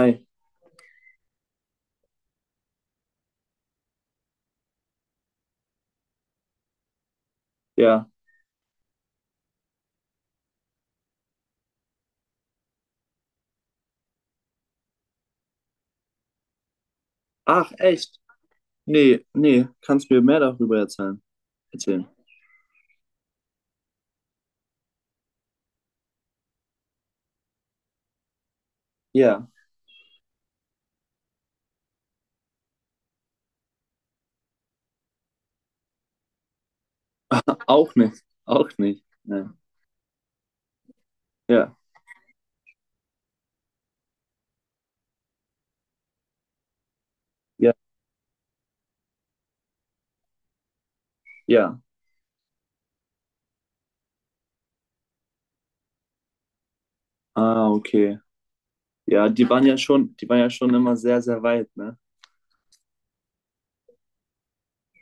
Ei, ja. Ach, echt? Nee, nee, kannst mir mehr darüber erzählen. Erzählen. Ja, auch nicht. Auch nicht. Nee. Ja, ja, ja. Ah, okay. Ja, die waren ja schon, die waren ja schon immer sehr, sehr weit, ne?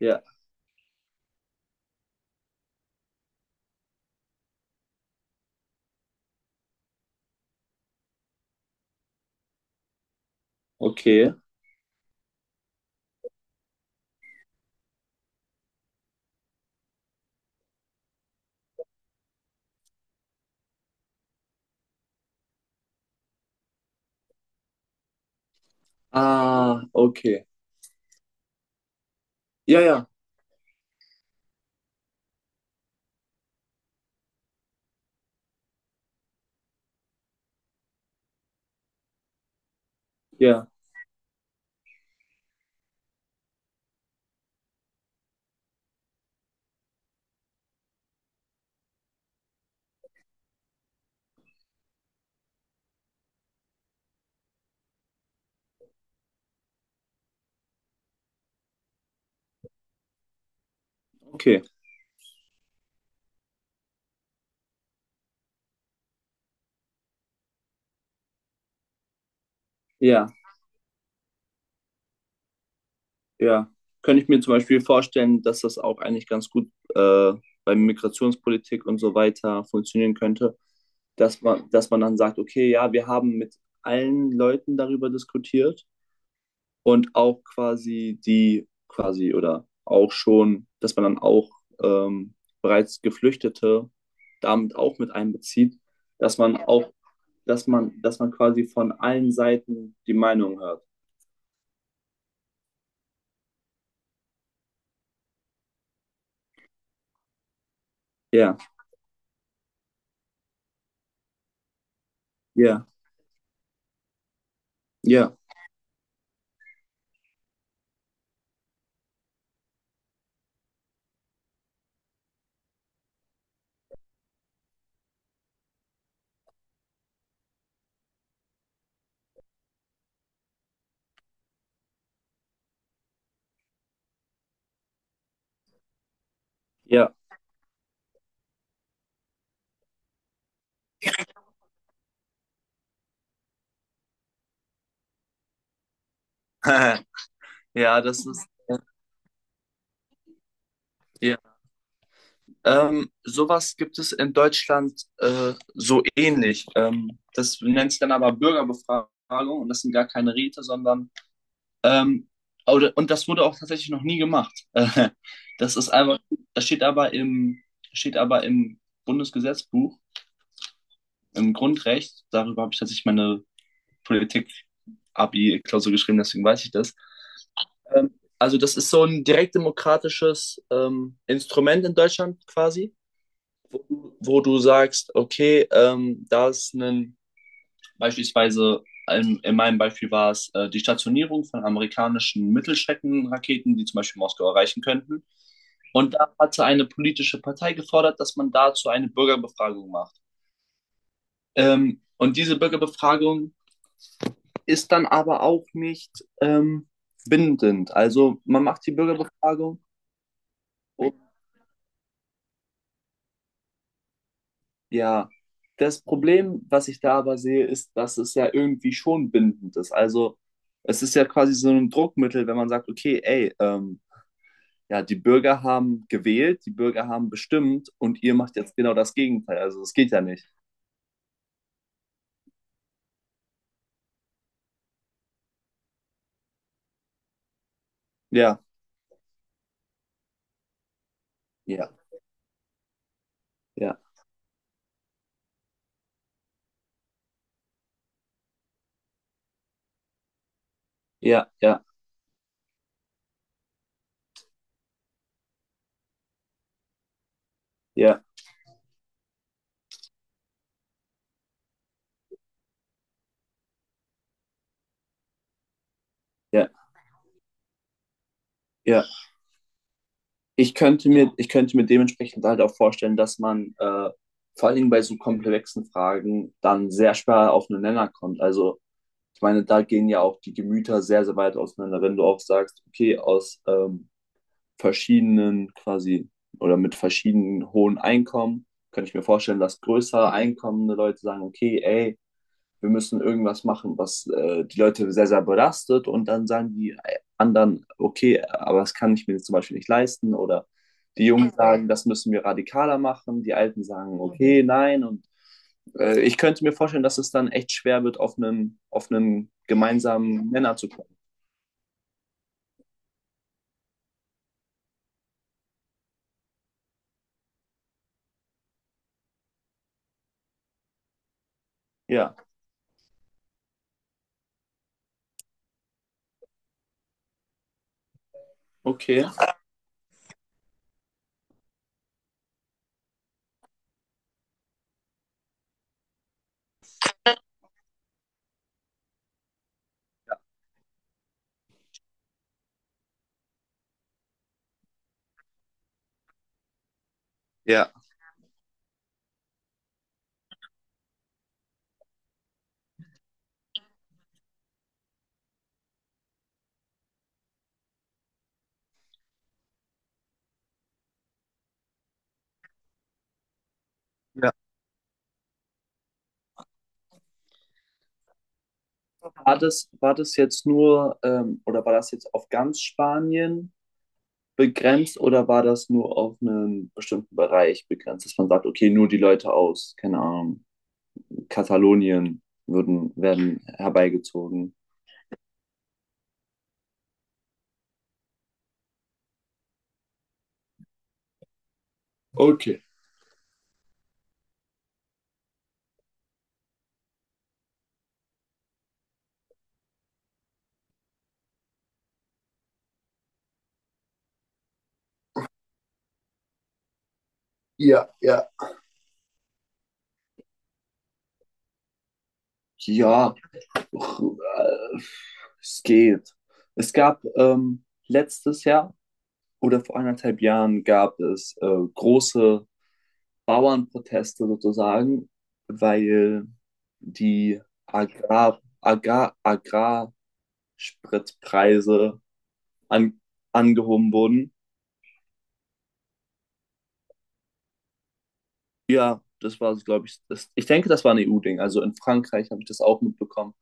Ja, okay. Ah, okay. Ja, ja, ja, okay. Ja. Ja, könnte ich mir zum Beispiel vorstellen, dass das auch eigentlich ganz gut bei Migrationspolitik und so weiter funktionieren könnte, dass man dann sagt, okay, ja, wir haben mit allen Leuten darüber diskutiert und auch quasi die quasi oder auch schon, dass man dann auch ähm, bereits Geflüchtete damit auch mit einbezieht, dass man auch, dass man quasi von allen Seiten die Meinung hört. Ja, ja, ja, ja. Ja, das ist, ja. Sowas gibt es in Deutschland so ähnlich. Das nennt sich dann aber Bürgerbefragung und das sind gar keine Räte, sondern, ähm, oder, und das wurde auch tatsächlich noch nie gemacht. Das ist einfach, das steht aber steht aber im Bundesgesetzbuch, im Grundrecht. Darüber habe ich tatsächlich meine Politik-Abi-Klausur geschrieben, deswegen weiß ich das. Also das ist so ein direktdemokratisches Instrument in Deutschland quasi. Wo, wo du sagst, okay, da ist ein, beispielsweise, in meinem Beispiel war es die Stationierung von amerikanischen Mittelstreckenraketen, die zum Beispiel Moskau erreichen könnten. Und da hatte eine politische Partei gefordert, dass man dazu eine Bürgerbefragung macht. Und diese Bürgerbefragung ist dann aber auch nicht ähm, bindend. Also man macht die Bürgerbefragung und ja, das Problem, was ich da aber sehe, ist, dass es ja irgendwie schon bindend ist. Also es ist ja quasi so ein Druckmittel, wenn man sagt, okay, ey, ja, die Bürger haben gewählt, die Bürger haben bestimmt und ihr macht jetzt genau das Gegenteil. Also das geht ja nicht. Ja, ja, ja, ja, ja, ja, ja, ja. Ich könnte mir dementsprechend halt auch vorstellen, dass man vor allen Dingen bei so komplexen Fragen dann sehr schwer auf einen Nenner kommt. Also ich meine, da gehen ja auch die Gemüter sehr, sehr weit auseinander. Wenn du auch sagst, okay, aus verschiedenen quasi oder mit verschiedenen hohen Einkommen, kann ich mir vorstellen, dass größere einkommende Leute sagen, okay, ey, wir müssen irgendwas machen, was die Leute sehr, sehr belastet und dann sagen die anderen, okay, aber das kann ich mir zum Beispiel nicht leisten oder die Jungen sagen, das müssen wir radikaler machen, die Alten sagen, okay, nein und ich könnte mir vorstellen, dass es dann echt schwer wird, auf einen gemeinsamen Nenner zu kommen. Ja, okay. War das jetzt nur oder war das jetzt auf ganz Spanien begrenzt oder war das nur auf einen bestimmten Bereich begrenzt, dass man sagt, okay, nur die Leute aus, keine Ahnung, Katalonien würden, werden herbeigezogen? Ja, äh, es geht. Es gab letztes Jahr oder vor anderthalb Jahren gab es große Bauernproteste sozusagen, weil die Agrar, Agrar, Agrarspritpreise an, angehoben wurden. Ja, das war, glaube ich, das, ich denke, das war ein EU-Ding. Also in Frankreich habe ich das auch mitbekommen,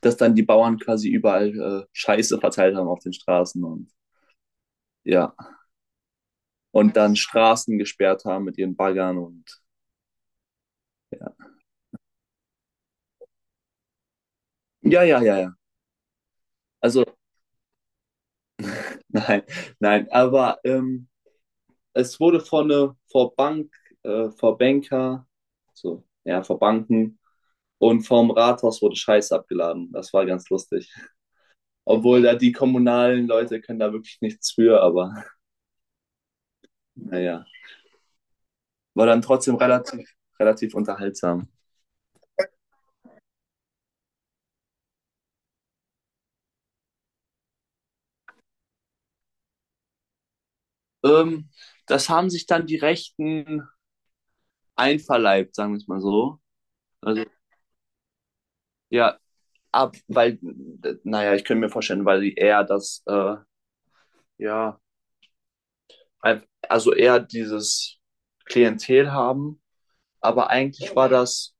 dass dann die Bauern quasi überall Scheiße verteilt haben auf den Straßen und ja, und dann Straßen gesperrt haben mit ihren Baggern und ja. Ja, ja, ja, ja. Also nein, nein, aber es wurde vor Bank, vor Banker, so, ja, vor Banken und vom Rathaus wurde Scheiße abgeladen. Das war ganz lustig. Obwohl da die kommunalen Leute können da wirklich nichts für, aber naja, war dann trotzdem relativ, relativ unterhaltsam. Ähm, Das haben sich dann die Rechten einverleibt, sagen wir es mal so. Also, ja, ab, weil, naja, ich könnte mir vorstellen, weil die eher das, ja, ein- also eher dieses Klientel haben, aber eigentlich war das,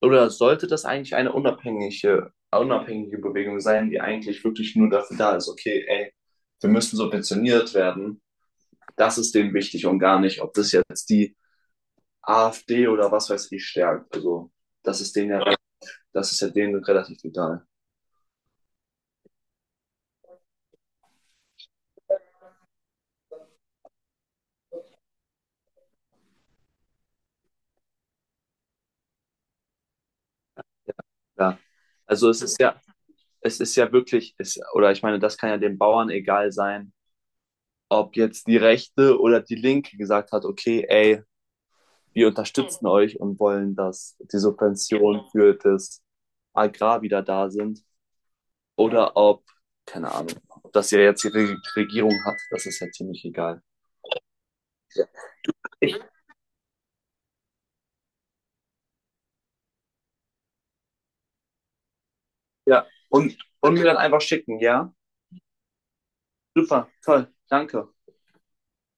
oder sollte das eigentlich eine unabhängige, unabhängige Bewegung sein, die eigentlich wirklich nur dafür da ist, okay, ey, wir müssen subventioniert werden, das ist denen wichtig und gar nicht, ob das jetzt die AfD oder was weiß ich stärkt. Also das ist denen ja, das ist ja denen relativ egal. Ja. Also es ist ja wirklich, es, oder ich meine, das kann ja den Bauern egal sein, ob jetzt die Rechte oder die Linke gesagt hat, okay, ey, wir unterstützen euch und wollen, dass die Subventionen für das Agrar wieder da sind. Oder ob, keine Ahnung, ob das ja jetzt die Regierung hat, das ist ja ziemlich egal. Ja. Ich ja, und mir dann einfach schicken, ja? Super, toll, danke.